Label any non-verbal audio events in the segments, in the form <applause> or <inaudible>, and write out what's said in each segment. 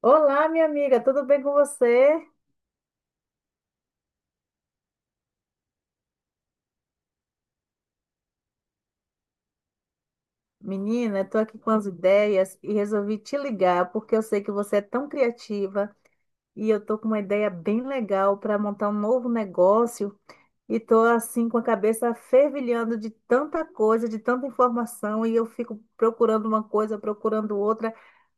Olá, minha amiga, tudo bem com você? Menina, estou aqui com as ideias e resolvi te ligar porque eu sei que você é tão criativa e eu estou com uma ideia bem legal para montar um novo negócio e estou assim com a cabeça fervilhando de tanta coisa, de tanta informação e eu fico procurando uma coisa, procurando outra,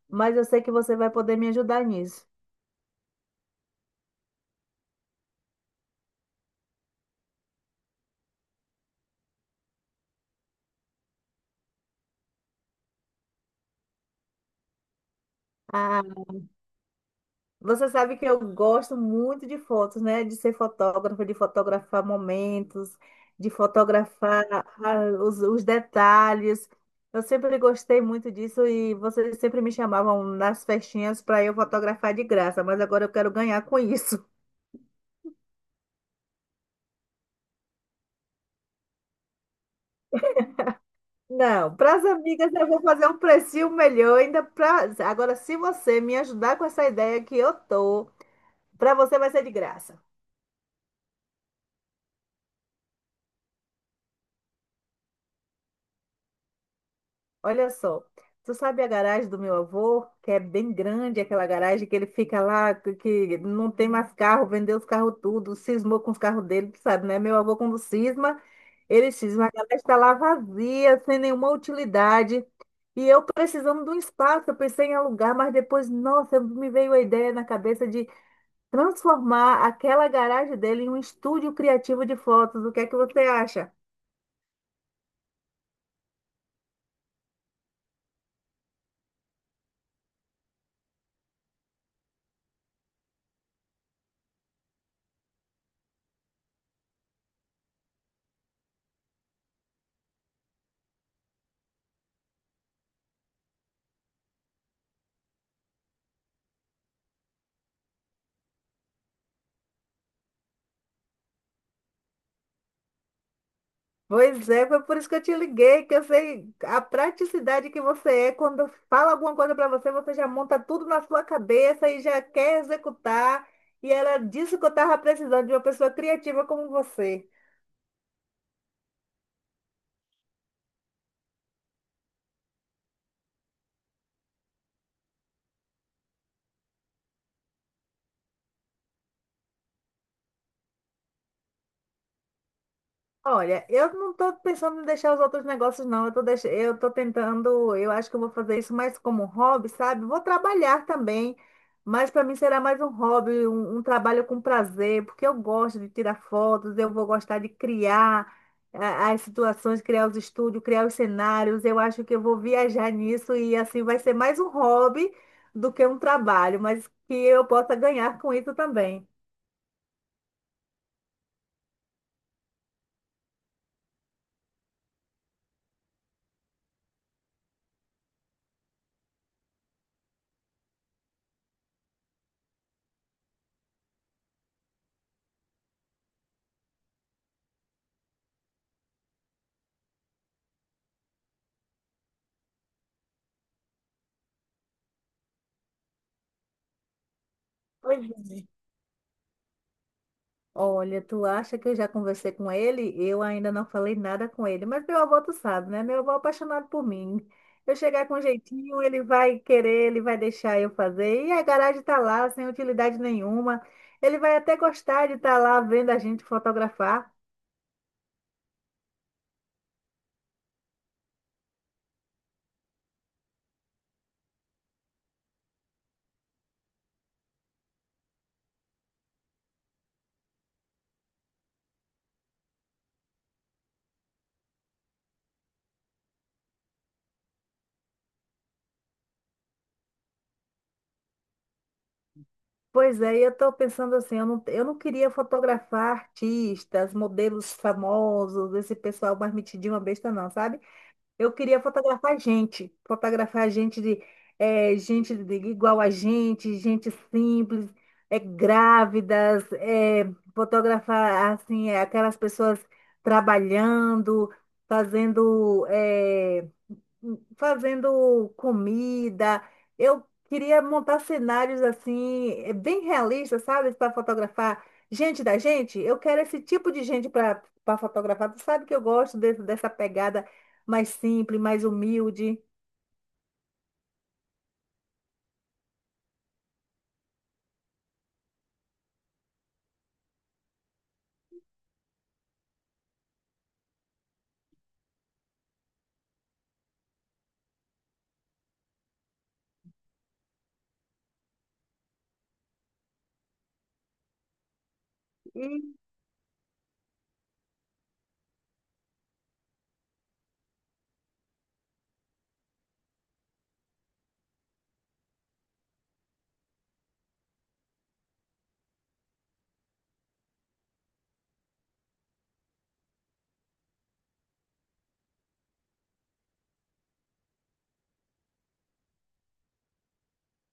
mas eu sei que você vai poder me ajudar nisso. Ah, você sabe que eu gosto muito de fotos, né? De ser fotógrafa, de fotografar momentos, de fotografar os detalhes. Eu sempre gostei muito disso e vocês sempre me chamavam nas festinhas para eu fotografar de graça, mas agora eu quero ganhar com isso. <laughs> Não, para as amigas eu vou fazer um precinho melhor ainda pra... Agora, se você me ajudar com essa ideia que eu tô, para você vai ser de graça. Olha só, tu sabe a garagem do meu avô, que é bem grande, aquela garagem que ele fica lá, que não tem mais carro, vendeu os carros tudo, cismou com os carros dele, tu sabe, né? Meu avô, quando cisma, ele cisma, a garagem está lá vazia, sem nenhuma utilidade. E eu precisando de um espaço, eu pensei em alugar, mas depois, nossa, me veio a ideia na cabeça de transformar aquela garagem dele em um estúdio criativo de fotos. O que é que você acha? Pois é, foi por isso que eu te liguei, que eu sei a praticidade que você é. Quando eu falo alguma coisa para você, você já monta tudo na sua cabeça e já quer executar. E era disso que eu estava precisando, de uma pessoa criativa como você. Olha, eu não tô pensando em deixar os outros negócios, não. Eu tô, deix... eu tô tentando, eu acho que eu vou fazer isso mais como hobby, sabe? Vou trabalhar também, mas para mim será mais um hobby, um trabalho com prazer, porque eu gosto de tirar fotos, eu vou gostar de criar as situações, criar os estúdios, criar os cenários. Eu acho que eu vou viajar nisso e assim vai ser mais um hobby do que um trabalho, mas que eu possa ganhar com isso também. Pois é. Olha, tu acha que eu já conversei com ele? Eu ainda não falei nada com ele, mas meu avô, tu sabe, né? Meu avô é apaixonado por mim. Eu chegar com um jeitinho, ele vai querer, ele vai deixar eu fazer. E a garagem tá lá, sem utilidade nenhuma. Ele vai até gostar de estar lá vendo a gente fotografar. Pois é, e eu estou pensando assim, eu não queria fotografar artistas, modelos famosos, esse pessoal mais metidinho, uma besta não, sabe? Eu queria fotografar gente de gente de- igual a gente, gente simples, é, grávidas, fotografar assim aquelas pessoas trabalhando, fazendo. Fazendo comida. Eu queria montar cenários assim, bem realistas, sabe? Para fotografar gente da gente. Eu quero esse tipo de gente para fotografar. Tu sabe que eu gosto desse- dessa pegada mais simples, mais humilde.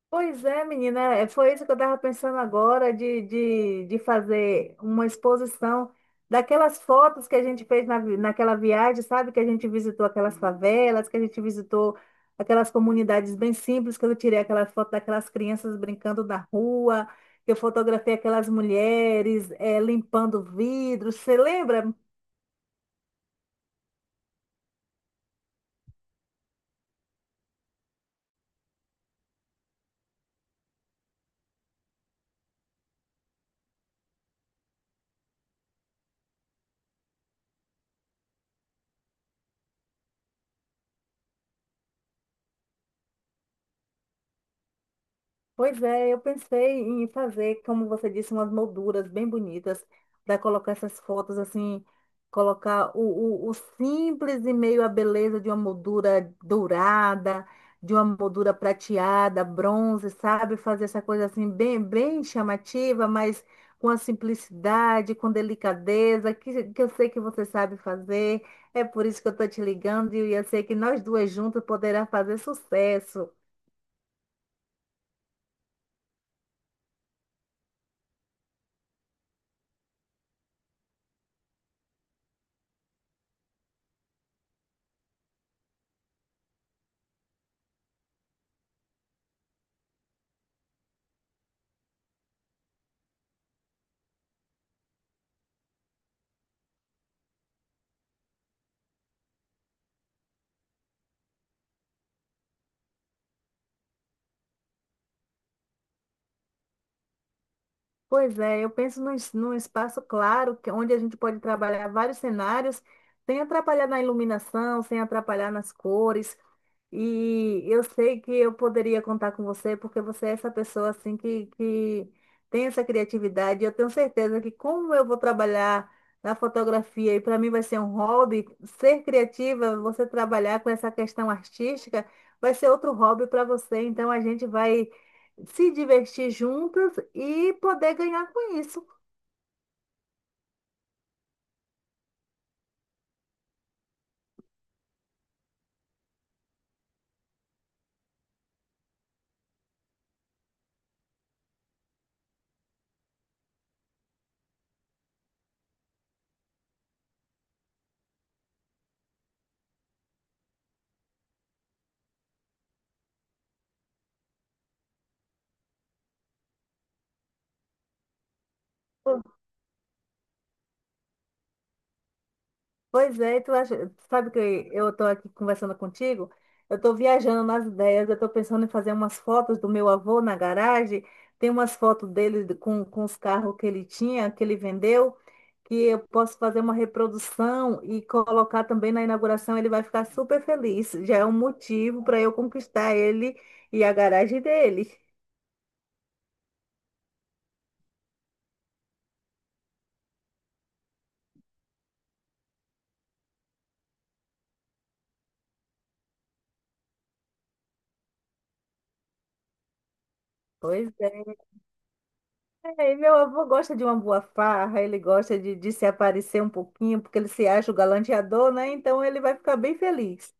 Pois é, menina, é, foi isso que eu estava pensando agora de fazer uma exposição daquelas fotos que a gente fez na, vi- naquela viagem, sabe? Que a gente visitou aquelas favelas, que a gente visitou aquelas comunidades bem simples, que eu tirei aquela foto daquelas crianças brincando na rua, que eu fotografei aquelas mulheres limpando vidros. Você lembra? Pois é, eu pensei em fazer, como você disse, umas molduras bem bonitas, para colocar essas fotos assim, colocar o simples e meio a beleza de uma moldura dourada, de uma moldura prateada, bronze, sabe? Fazer essa coisa assim bem, bem chamativa, mas com a simplicidade, com delicadeza, que eu sei que você sabe fazer. É por isso que eu estou te ligando e eu sei que nós duas juntas poderá fazer sucesso. Pois é, eu penso num, es- num espaço claro, que- onde a gente pode trabalhar vários cenários, sem atrapalhar na iluminação, sem atrapalhar nas cores. E eu sei que eu poderia contar com você, porque você é essa pessoa assim que tem essa criatividade. Eu tenho certeza que como eu vou trabalhar na fotografia e para mim vai ser um hobby, ser criativa, você trabalhar com essa questão artística, vai ser outro hobby para você. Então a gente vai se divertir juntas e poder ganhar com isso. Pois é, e tu acha, sabe que eu estou aqui conversando contigo? Eu estou viajando nas ideias, eu estou pensando em fazer umas fotos do meu avô na garagem. Tem umas fotos dele de- com os carros que ele tinha, que ele vendeu, que eu posso fazer uma reprodução e colocar também na inauguração. Ele vai ficar super feliz. Já é um motivo para eu conquistar ele e a garagem dele. Pois é. É, meu avô gosta de uma boa farra, ele gosta de se aparecer um pouquinho, porque ele se acha o galanteador, né? Então ele vai ficar bem feliz.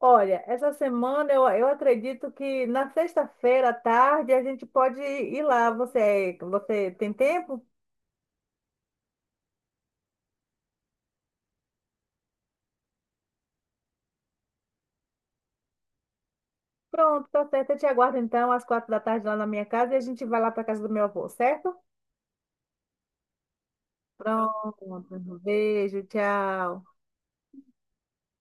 Olha, essa semana eu acredito que na sexta-feira à tarde a gente pode ir lá. Você tem tempo? Pronto, tá certo. Eu te aguardo então às 4 da tarde lá na minha casa e a gente vai lá para casa do meu avô, certo? Pronto. Um beijo, tchau.